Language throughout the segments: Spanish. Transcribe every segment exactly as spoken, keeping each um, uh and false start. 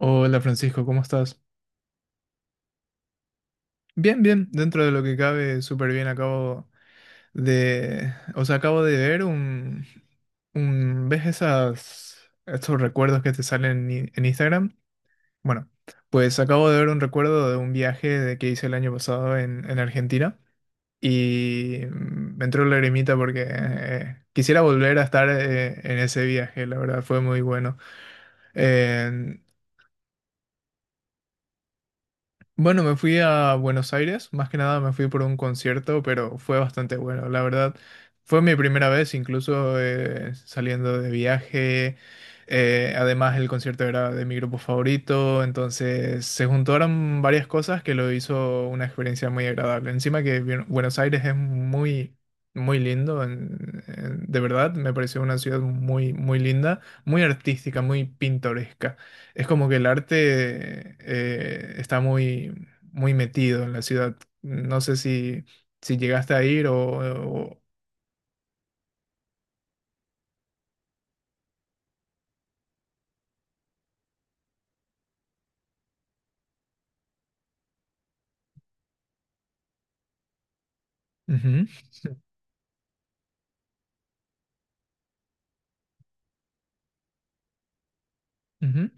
Hola Francisco, ¿cómo estás? Bien, bien, dentro de lo que cabe, súper bien. Acabo de, o sea, acabo de ver un, un, ¿ves esas, estos recuerdos que te salen en, i- en Instagram? Bueno, pues acabo de ver un recuerdo de un viaje de que hice el año pasado en, en Argentina y mm, me entró la lagrimita porque eh, quisiera volver a estar eh, en ese viaje, la verdad, fue muy bueno. Bueno, me fui a Buenos Aires, más que nada me fui por un concierto, pero fue bastante bueno, la verdad. Fue mi primera vez incluso eh, saliendo de viaje. Eh, además, el concierto era de mi grupo favorito, entonces se juntaron varias cosas que lo hizo una experiencia muy agradable. Encima que Bien- Buenos Aires es muy, muy lindo, en- en- de verdad, me pareció una ciudad muy, muy linda, muy artística, muy pintoresca. Es como que el arte eh, está muy, muy metido en la ciudad. No sé si, si llegaste a ir o... o- Ujú, ujú,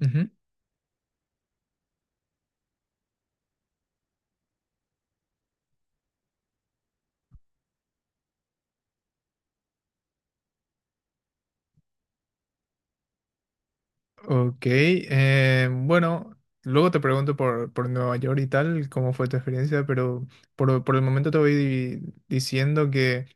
ujú. Ok, eh, bueno, luego te pregunto por, por Nueva York y tal, cómo fue tu experiencia, pero por, por el momento te voy di- diciendo que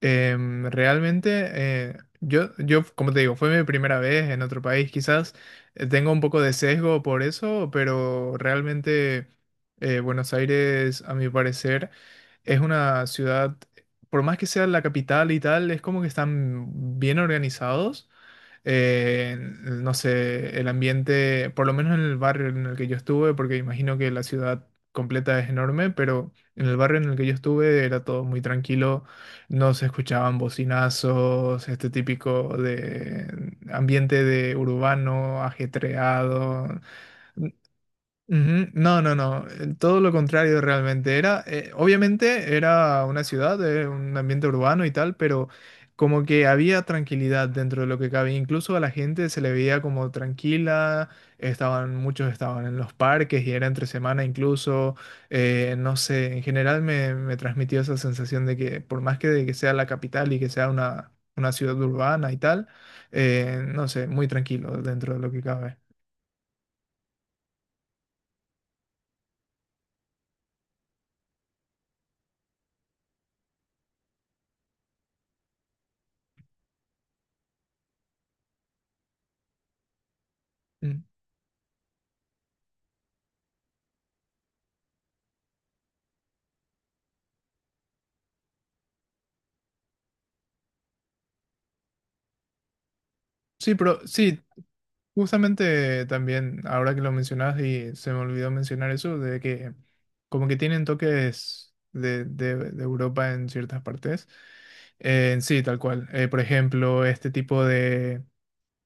em, realmente eh, yo, yo, como te digo, fue mi primera vez en otro país, quizás eh, tengo un poco de sesgo por eso, pero realmente eh, Buenos Aires, a mi parecer, es una ciudad, por más que sea la capital y tal, es como que están bien organizados, eh, no sé, el ambiente, por lo menos en el barrio en el que yo estuve, porque imagino que la ciudad completa es enorme, pero en el barrio en el que yo estuve era todo muy tranquilo, no se escuchaban bocinazos, este típico de ambiente de urbano, ajetreado. Ujú. No, no, no, eh, todo lo contrario realmente. Era, eh, obviamente era una ciudad, eh, un ambiente urbano y tal, pero como que había tranquilidad dentro de lo que cabía. Incluso a la gente se le veía como tranquila, estaban, muchos estaban en los parques y era entre semana incluso. Eh, no sé, en general me, me transmitió esa sensación de que por más que, de que sea la capital y que sea una, una ciudad urbana y tal, eh, no sé, muy tranquilo dentro de lo que cabe. Mm. Sí, pero sí, justamente también, ahora que lo mencionas y se me olvidó mencionar eso, de que como que tienen toques de, de- de Europa en ciertas partes. Eh, sí, tal cual. Eh, por ejemplo, este tipo de,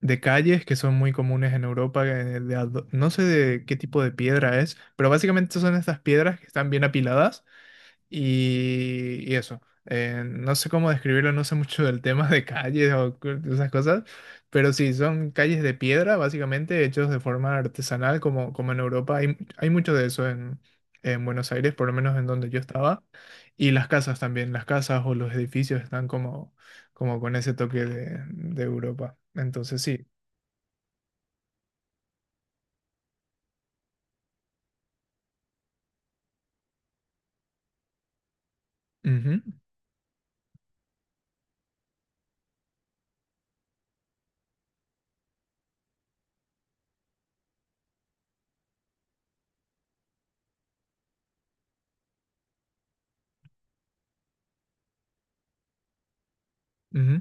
de calles que son muy comunes en Europa, eh, de ado- no sé de qué tipo de piedra es, pero básicamente son estas piedras que están bien apiladas y, y eso, eh, no sé cómo describirlo, no sé mucho del tema de calles o cu- de esas cosas, pero sí, son calles de piedra, básicamente, hechos de forma artesanal, como, como en Europa. Hay, hay mucho de eso en, en Buenos Aires, por lo menos en donde yo estaba. Y las casas también, las casas o los edificios están como, como con ese toque de, de Europa. Entonces sí, ujú, ujú,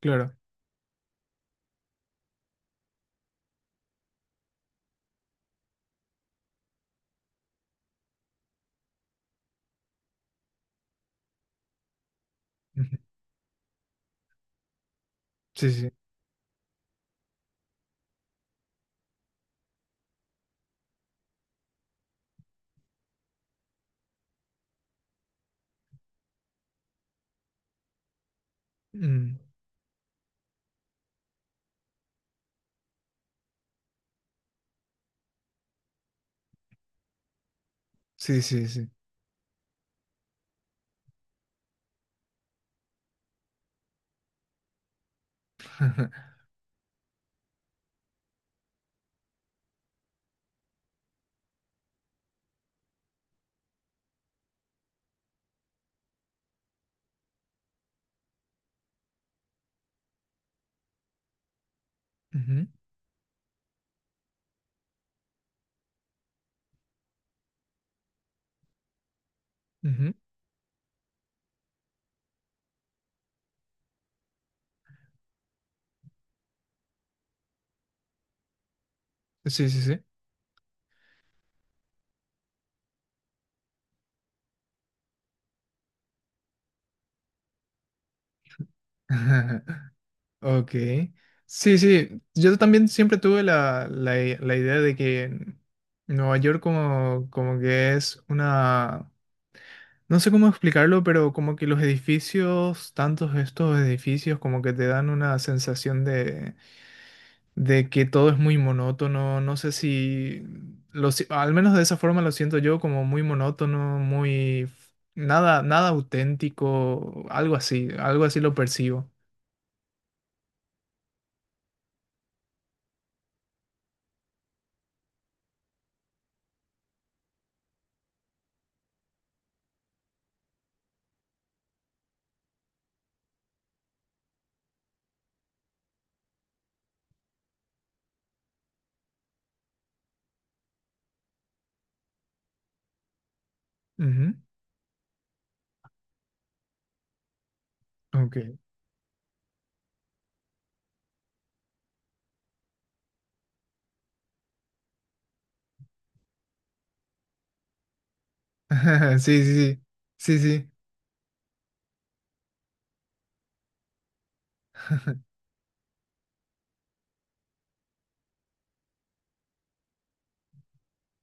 claro. Ujú. Sí, sí, sí. Mm, sí, sí, sí. Ujú, ujú. Sí, sí, sí. Ok. Sí, sí. Yo también siempre tuve la, la, i- la idea de que Nueva York como, como que es una... No sé cómo explicarlo, pero como que los edificios, tantos estos edificios, como que te dan una sensación de, de que todo es muy monótono. No sé si... Lo, si- al menos de esa forma lo siento yo, como muy monótono, muy... f- nada, nada auténtico, algo así, algo así lo percibo. Ujú, ok. Sí, sí, sí, sí, sí.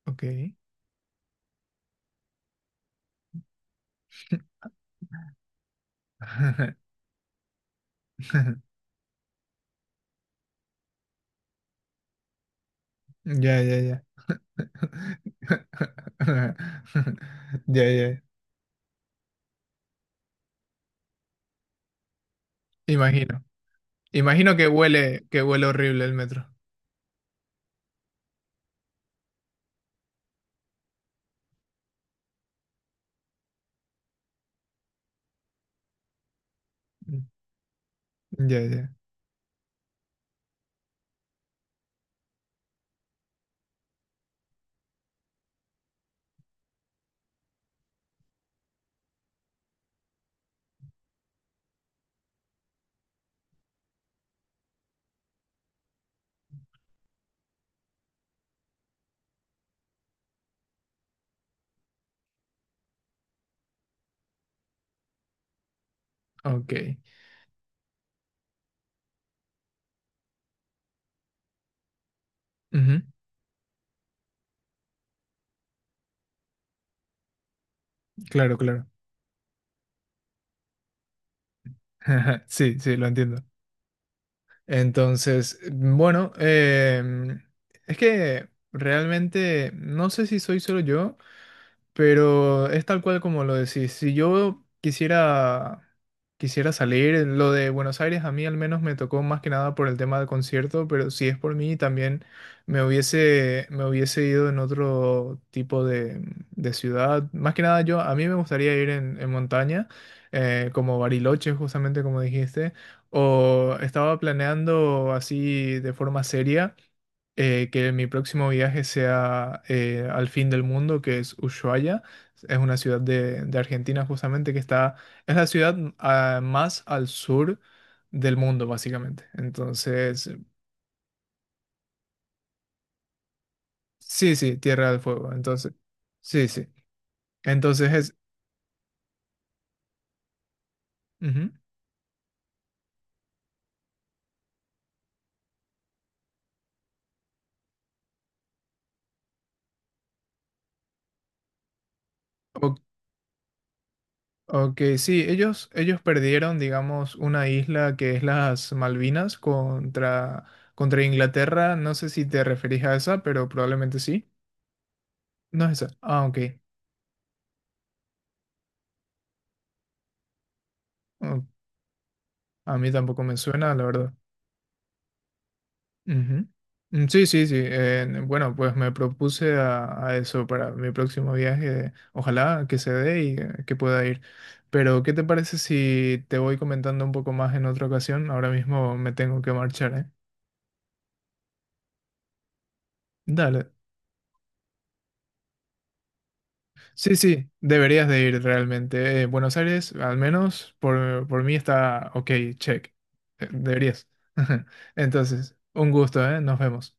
Ok. Ya, ya, ya. Ya, ya. Imagino. Imagino que huele, que huele horrible el metro. Ya, ya. Ok. Ujú. Claro, claro. Sí, sí, lo entiendo. Entonces, bueno, em, es que realmente no sé si soy solo yo. Pero es tal cual como lo decís. Si yo quisiera, quisiera salir, lo de Buenos Aires a mí al menos me tocó más que nada por el tema del concierto, pero si es por mí también me hubiese, me hubiese ido en otro tipo de, de ciudad. Más que nada yo, a mí me gustaría ir en, en montaña, eh, como Bariloche justamente como dijiste, o estaba planeando así de forma seria eh, que mi próximo viaje sea eh, al fin del mundo, que es Ushuaia. Es una ciudad de, de Argentina justamente que está, es la ciudad mm, ah, más al sur del mundo, básicamente. Entonces, sí, sí, Tierra del Fuego. Entonces, sí, sí. Entonces es... ujú. O- ok, sí, ellos, ellos perdieron, digamos, una isla que es las Malvinas contra, contra Inglaterra. No sé si te referís a esa, pero probablemente sí. No es esa. Ah, ok. Ok. A mí tampoco me suena, la verdad. Ujú. Mm, sí, sí, sí. Eh, bueno, pues me propuse a, a eso para mi próximo viaje. Ojalá que se dé y eh, que pueda ir. Pero, ¿qué te parece si te voy comentando un poco más en otra ocasión? Ahora mismo me tengo que marchar, ¿eh? Dale. Sí, sí, deberías de ir realmente. Eh, Buenos Aires, al menos por, por mí está ok, check. Eh, Deberías. Entonces, un gusto, ¿eh? Nos vemos.